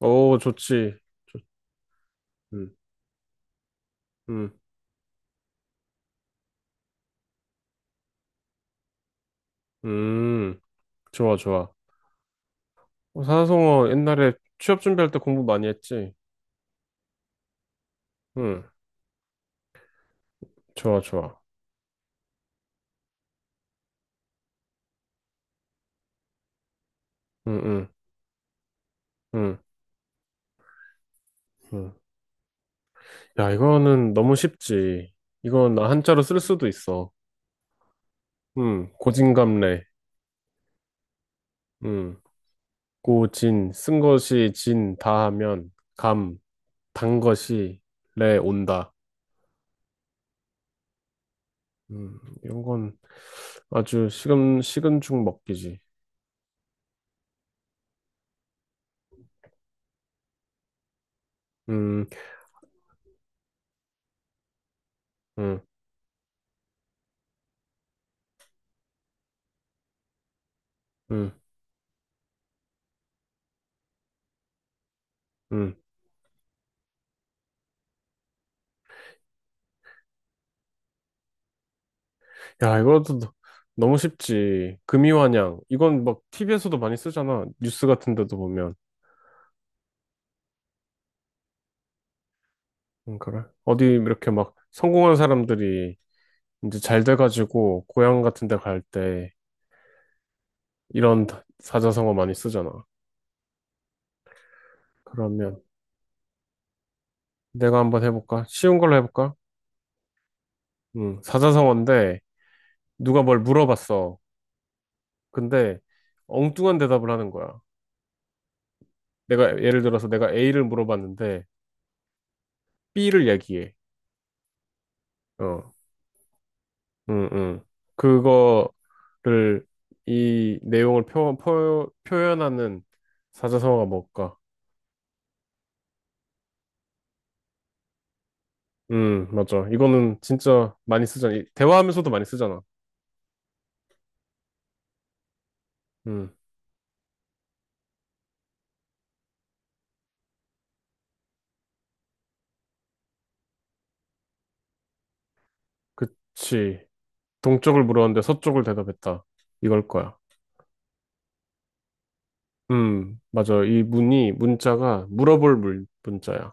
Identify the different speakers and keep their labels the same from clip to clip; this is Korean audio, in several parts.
Speaker 1: 오, 좋지. 좋- 음, 음, 음, 좋아, 좋아. 산성어 옛날에 취업 준비할 때 공부 많이 했지? 응, 좋아, 좋아. 응, 응, 응, 응. 야, 이거는 너무 쉽지. 이건 나 한자로 쓸 수도 있어. 응, 고진감래. 응, 고진, 쓴 것이 진, 다 하면, 감, 단 것이 래, 온다. 음, 이런 건 아주 식은 죽 먹기지. 음, 음, 음, 음. 야, 이것도 너무 쉽지. 금이환양. 이건 막 TV에서도 많이 쓰잖아. 뉴스 같은 데도 보면. 응, 그래. 어디 이렇게 막 성공한 사람들이 이제 잘 돼가지고 고향 같은 데 갈 때 이런 사자성어 많이 쓰잖아. 그러면 내가 한번 해볼까? 쉬운 걸로 해볼까? 응, 사자성어인데 누가 뭘 물어봤어. 근데 엉뚱한 대답을 하는 거야. 내가 예를 들어서 내가 A를 물어봤는데 B를 얘기해. 어. 응, 응. 그거를 이 내용을 표현하는 사자성어가 뭘까? 응, 맞아. 이거는 진짜 많이 쓰잖아. 대화하면서도 많이 쓰잖아. 응, 그치. 동쪽을 물었는데 서쪽을 대답했다. 이걸 거야. 맞아. 이 문이, 문자가 물어볼 문, 문자야.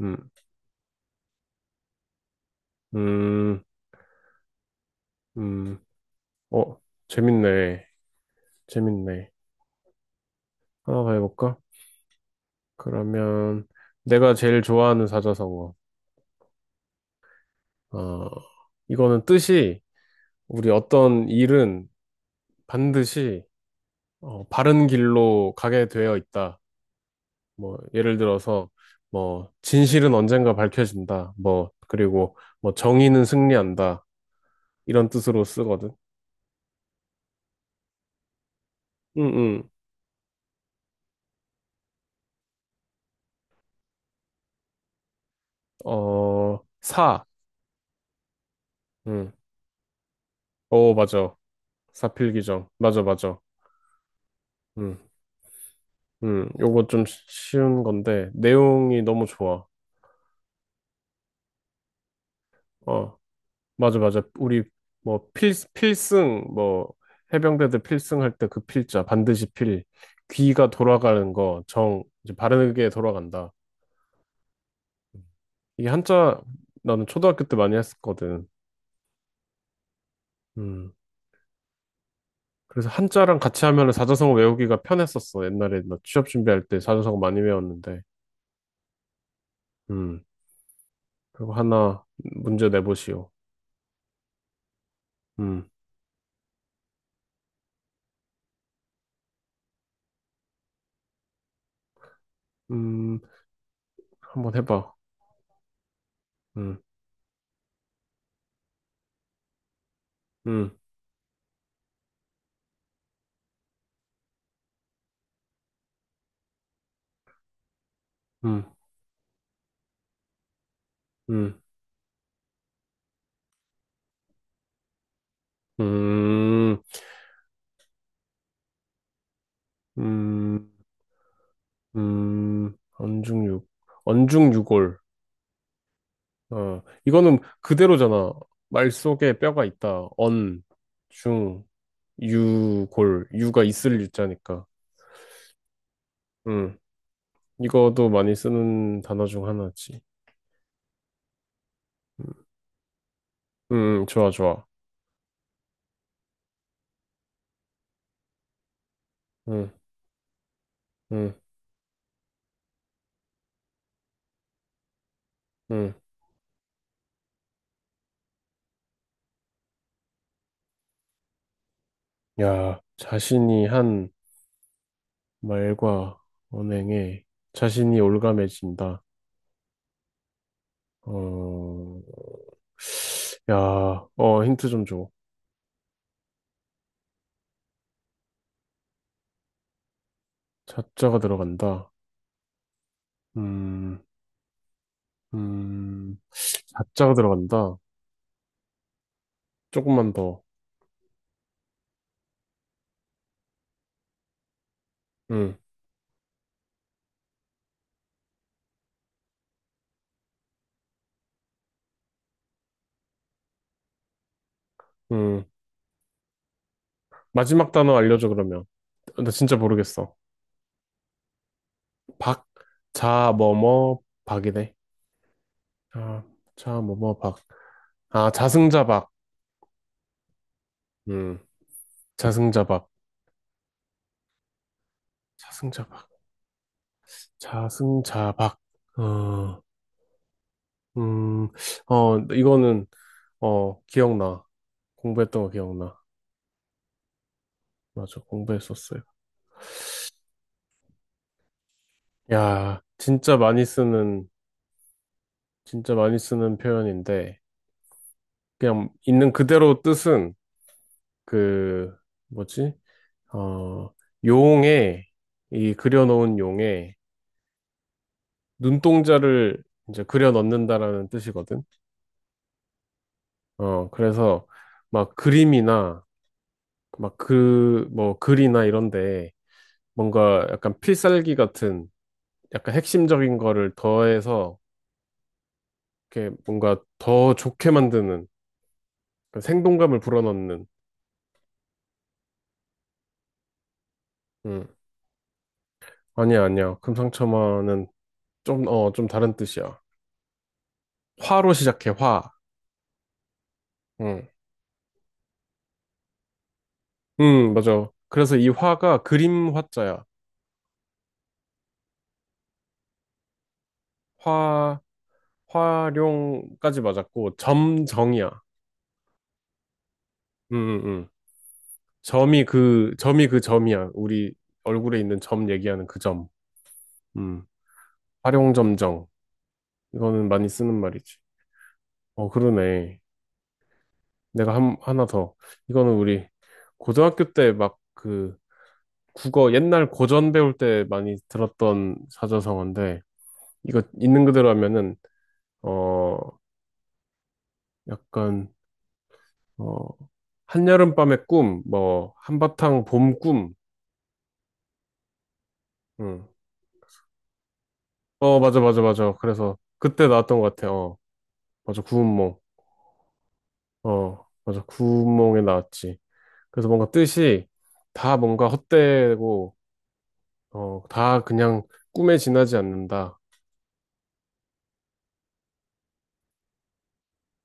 Speaker 1: 음, 음, 음. 어, 재밌네. 재밌네. 하나 더 해볼까? 그러면, 내가 제일 좋아하는 사자성어. 어, 이거는 뜻이 우리 어떤 일은 반드시 바른 길로 가게 되어 있다. 뭐 예를 들어서 뭐 진실은 언젠가 밝혀진다. 뭐 그리고 뭐 정의는 승리한다. 이런 뜻으로 쓰거든. 응응. 어, 사. 응. 오, 맞아. 사필귀정. 맞아, 맞아. 응. 응. 요거 좀 쉬운 건데 내용이 너무 좋아. 어. 맞아, 맞아. 우리 뭐 필, 필승, 뭐 해병대들 필승 할 때 그 필자 반드시 필 귀가 돌아가는 거 정 이제 바르게 돌아간다. 이게 한자 나는 초등학교 때 많이 했었거든. 음. 그래서 한자랑 같이 하면은 사자성어 외우기가 편했었어. 옛날에 나 취업 준비할 때 사자성어 많이 외웠는데. 음. 그리고 하나 문제 내보시오. 음. 음. 한번 해봐. 음. 음. 음. 음. 음. 음. 언중육. 언중유골. 어, 이거는 그대로잖아. 말 속에 뼈가 있다. 언, 중, 유, 골. 유가 있을 유자니까. 음, 이거도 많이 쓰는 단어 중 하나지. 좋아, 좋아. 음, 음, 음. 야, 자신이 한 말과 언행에 자신이 올가매진다. 어, 야, 힌트 좀 줘. 자자가 들어간다. 음. 음, 자자가 들어간다. 조금만 더. 음, 음. 마지막 단어 알려줘, 그러면. 나 진짜 모르겠어. 박, 자, 뭐, 뭐, 박이네. 자, 자, 뭐, 뭐, 박. 아, 자승자박. 음, 자승자박. 자승자박. 자승자박. 어, 음, 이거는, 기억나. 공부했던 거 기억나. 맞아, 공부했었어요. 야, 진짜 많이 쓰는 표현인데, 그냥 있는 그대로 뜻은 그 뭐지? 어, 용에 이 그려놓은 용에 눈동자를 이제 그려 넣는다라는 뜻이거든. 그래서 막 그림이나 막 그 뭐 글이나 이런데 뭔가 약간 필살기 같은 약간 핵심적인 거를 더해서 이렇게 뭔가 더 좋게 만드는 그 생동감을 불어넣는. 음. 아니야, 아니야. 금상첨화는 좀 다른 뜻이야. 화로 시작해, 화. 응. 응, 맞아. 그래서 이 화가 그림 화자야. 화, 화룡까지 맞았고, 점정이야. 응, 응, 응. 점이 그 점이야. 우리 얼굴에 있는 점 얘기하는 그 점. 응. 화룡점정. 이거는 많이 쓰는 말이지. 어, 그러네. 내가 하나 더. 이거는 우리 고등학교 때 막 그 국어 옛날 고전 배울 때 많이 들었던 사자성어인데, 이거 있는 그대로 하면은 어 약간 어 한여름밤의 꿈, 뭐 한바탕 봄 꿈. 응. 어 맞아 맞아 맞아. 그래서 그때 나왔던 것 같아. 어 맞아 구운몽. 어 맞아 구운몽에 나왔지. 그래서 뭔가 뜻이 다 뭔가 헛되고 다 그냥 꿈에 지나지 않는다.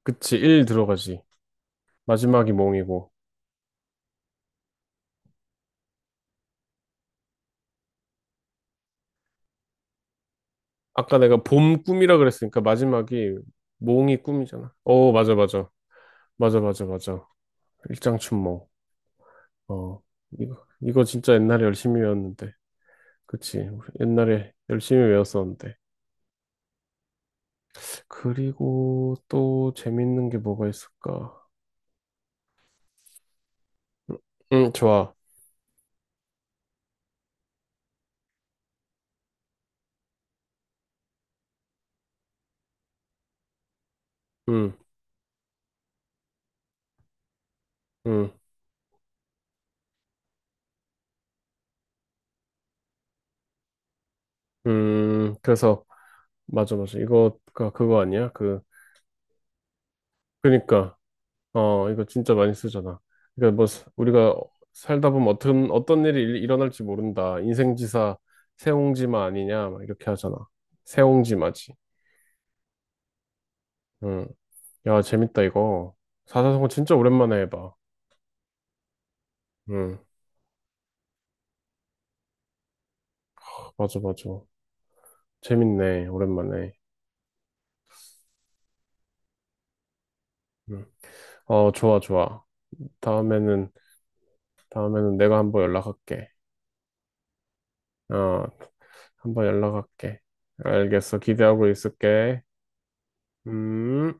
Speaker 1: 그치 일 들어가지. 마지막이 몽이고. 아까 내가 봄 꿈이라 그랬으니까 마지막이 몽이 꿈이잖아. 어 맞아 맞아 맞아 맞아 맞아. 일장춘몽. 어, 이거 진짜 옛날에 열심히 외웠는데. 그치. 옛날에 열심히 외웠었는데. 그리고 또 재밌는 게 뭐가 있을까? 응, 좋아. 응, 응, 응. 그래서, 맞아, 맞아. 이거가 그거 아니야? 그니까, 이거 진짜 많이 쓰잖아. 그러니까 뭐, 우리가 살다 보면 어떤 일이 일어날지 모른다. 인생지사, 세옹지마 아니냐? 막 이렇게 하잖아. 세옹지마지. 응. 야, 재밌다, 이거. 사사성어 진짜 오랜만에 해봐. 응, 맞아, 맞아. 재밌네, 오랜만에. 응. 어, 좋아, 좋아. 다음에는, 다음에는 내가 한번 연락할게. 어, 한번 연락할게. 알겠어, 기대하고 있을게. 음.